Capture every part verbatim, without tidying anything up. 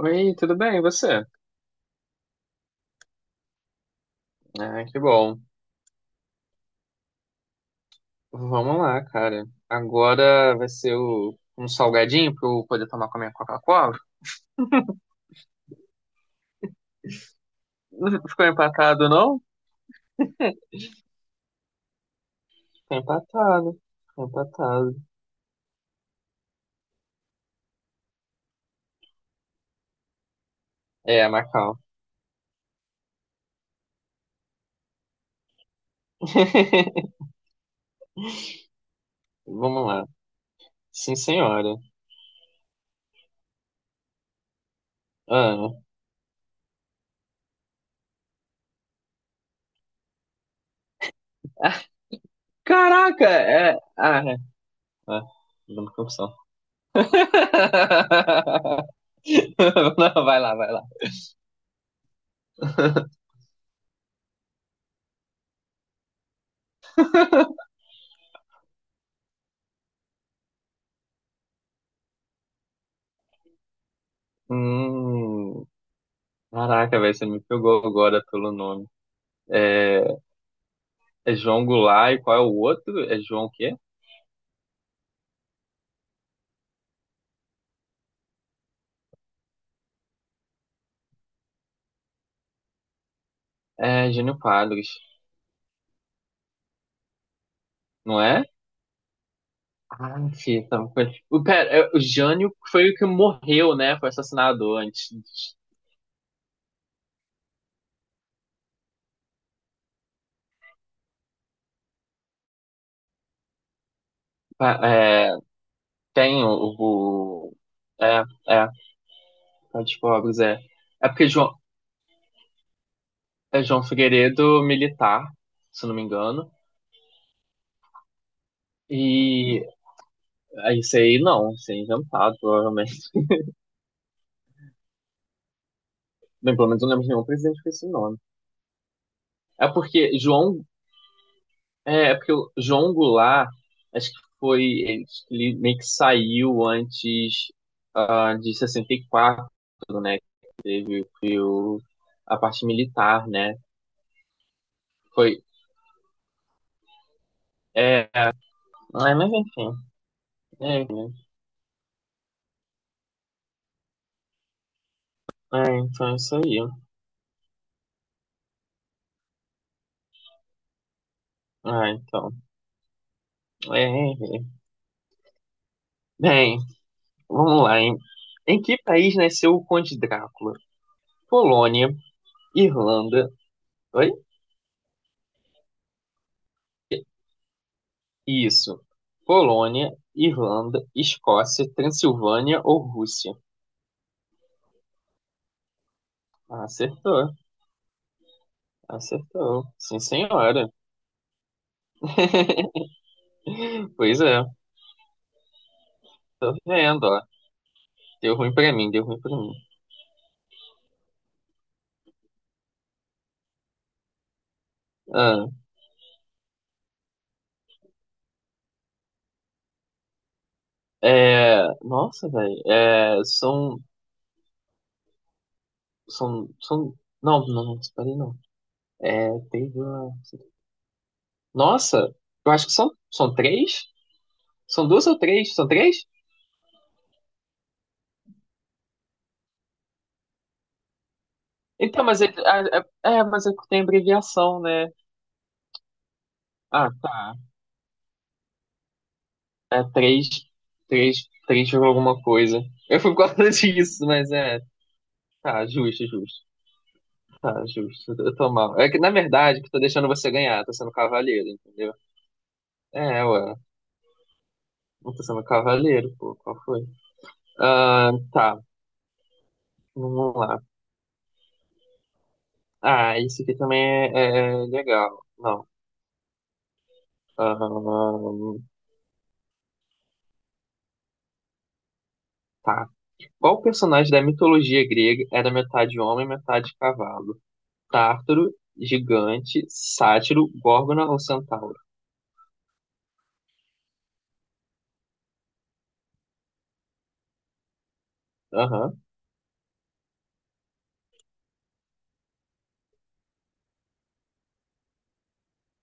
Oi, tudo bem? E você? Ah, que bom. Vamos lá, cara. Agora vai ser o, um salgadinho pra eu poder tomar com a minha Coca-Cola? Não, ficou empatado, não? Ficou empatado. Ficou empatado. É, Macau. Vamos lá. Sim, senhora. Ah, caraca! É, ah, é. Ah, dando confusão. Não, vai lá, vai lá. Hum, Caraca, velho, você me pegou agora pelo nome. É, é João Goulart e qual é o outro? É João o quê? É Jânio Quadros, não é? Ah, sim, tava com- o, pera, é, o Jânio foi o que morreu, né? Foi assassinado antes. Pa- É, tem o, o- É, é, Pai de Pobres, é. É porque João, é João Figueiredo militar, se não me engano. E é, isso aí não, isso aí é inventado, provavelmente. Bem, pelo menos eu não lembro de nenhum presidente com esse nome. É porque João É, é porque o João Goulart, acho que foi, ele, ele meio que saiu antes, ah, de sessenta e quatro, né? Que o, a parte militar, né? Foi. É, é, mas enfim. É, né? é, então é isso aí. Ah, então. É, é, é. Bem, vamos lá, hein? Em que país nasceu o Conde Drácula? Polônia, Irlanda. Oi? Isso. Polônia, Irlanda, Escócia, Transilvânia ou Rússia? Ah, acertou. Acertou. Sim, senhora. Pois é. Tô vendo, ó. Deu ruim pra mim, deu ruim pra mim. Ah, é... Nossa, velho. É... São... São... São... Não, não, não, parei não. É... Teve uma... Nossa, eu acho que são... são três? São duas ou três? São três? Então, mas é... É, é, é, mas é que tem abreviação, né? Ah, tá. É três... Três... Três por alguma coisa. Eu fui por causa disso, mas é... Tá, justo, justo. Tá, justo. Eu tô mal. É que, na verdade, que eu tô deixando você ganhar. Tô sendo cavaleiro, entendeu? É, ué. Não tô sendo cavaleiro, pô. Qual foi? Ah, tá. Vamos lá. Ah, isso aqui também é, é é legal. Não. Ah, tá. Qual personagem da mitologia grega era metade homem, metade cavalo? Tártaro, gigante, sátiro, górgona ou centauro? Aham.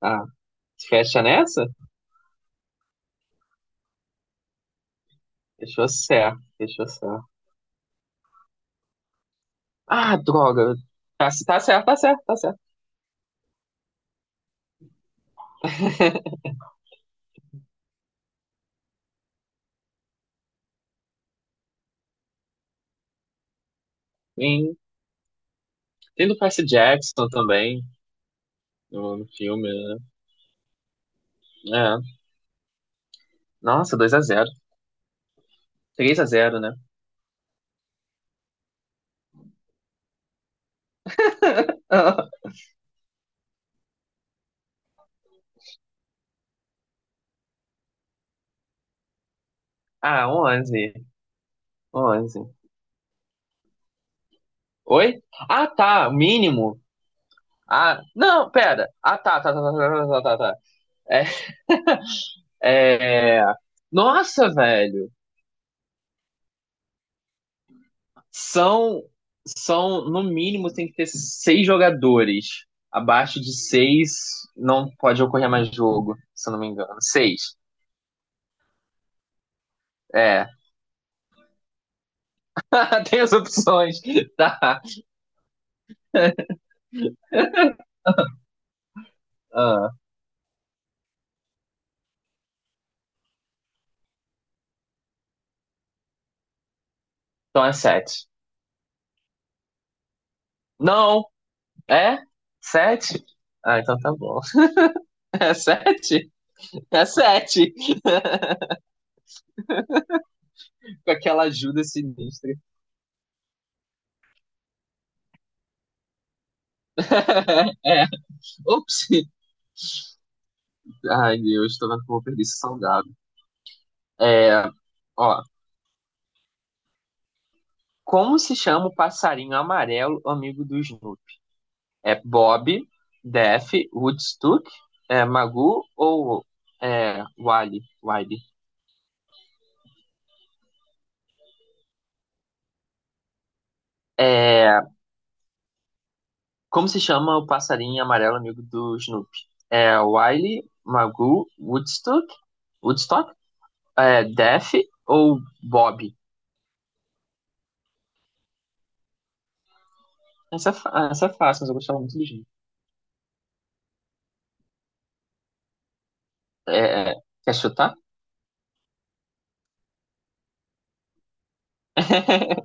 Ah, fecha nessa? Fechou certo. Fechou certo. Ah, droga. Tá, tá certo, tá certo, tá certo. Sim. Tem do Percy Jackson também, no, no filme, né? É. Nossa, dois a zero. três a zero, né? Ah, onze onze Oi? Ah, tá. Mínimo. Ah, não, pera. Ah, tá, tá, tá, tá, tá, tá, tá, tá. É. Nossa, velho. São, são, no mínimo, tem que ter seis jogadores. Abaixo de seis, não pode ocorrer mais jogo, se eu não me engano. Seis. É. Tem as opções. Tá. Ah, então é sete. Não, é? Sete? Ah, então tá bom. É sete? É sete. Com aquela ajuda sinistra. É. Ops. Ai, Deus, tô vendo que eu vou perder esse salgado. É, ó. Como se chama o passarinho amarelo amigo do Snoopy? É Bob, Def, Woodstock, é Magoo ou é Wally? Wally. É, como se chama o passarinho amarelo amigo do Snoopy? É Wiley, Magoo, Woodstock, Woodstock, é, Def ou Bob? Essa, é fa- essa é fácil, mas eu gostava muito do Snoopy. É, quer chutar?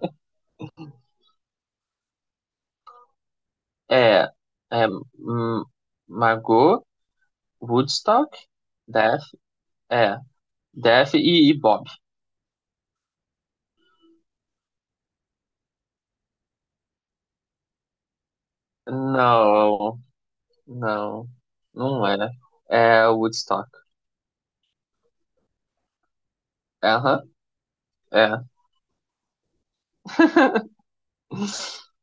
É, é hum, Magoo, Woodstock, Def, é, Def e, e Bob. Não, não, não era. É Woodstock. Aham, é.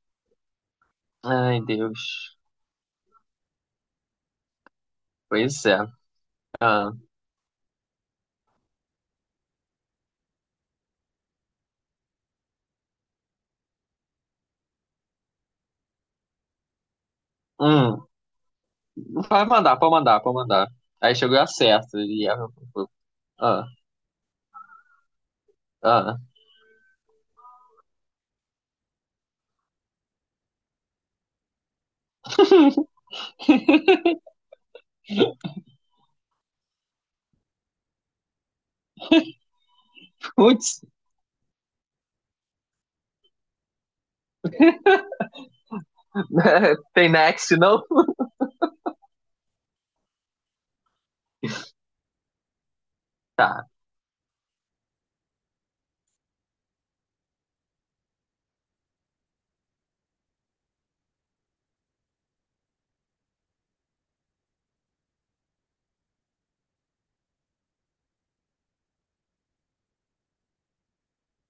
Ai, Deus. Pois é. Ah. Hum, Vai mandar, pode mandar, pode mandar. Aí chegou a acerta. E ela falou, ah, ah. Putz, né? Tem next, não? Tá.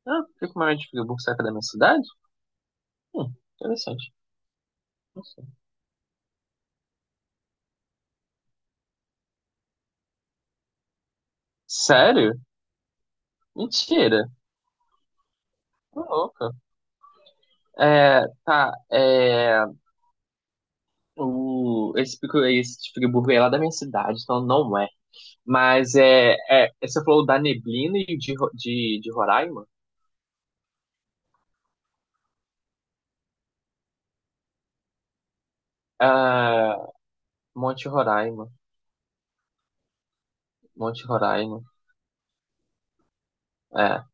Ah, por que o maior de Friburgo saca da minha cidade? Hum, Interessante. Não sei. Sério? Mentira. Tô louca. É, tá. é, o, esse pico, esse tipo de Friburgo é lá da minha cidade, então não é. Mas é, é, você falou da Neblina e de, Ro- de, de Roraima? Ah, Monte Roraima. Monte Roraima. É.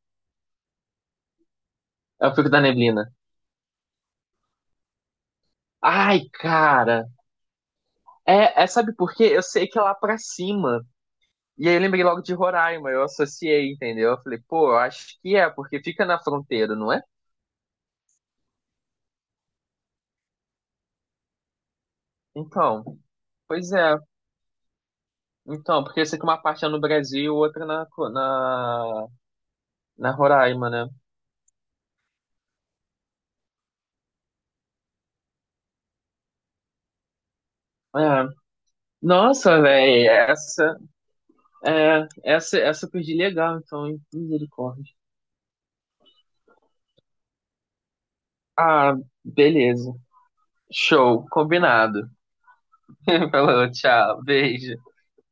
É o Pico da Neblina. Ai, cara. É, é, sabe por quê? Eu sei que é lá pra cima. E aí eu lembrei logo de Roraima, eu associei, entendeu? Eu falei, pô, eu acho que é, porque fica na fronteira, não é? Então, pois é. Então, porque eu sei que uma parte é no Brasil, outra na, na, na Roraima, né? É. Nossa, velho, essa, é, essa, essa eu perdi legal, então, hein? Misericórdia. Ah, beleza. Show, combinado. Falou, tchau, beijo.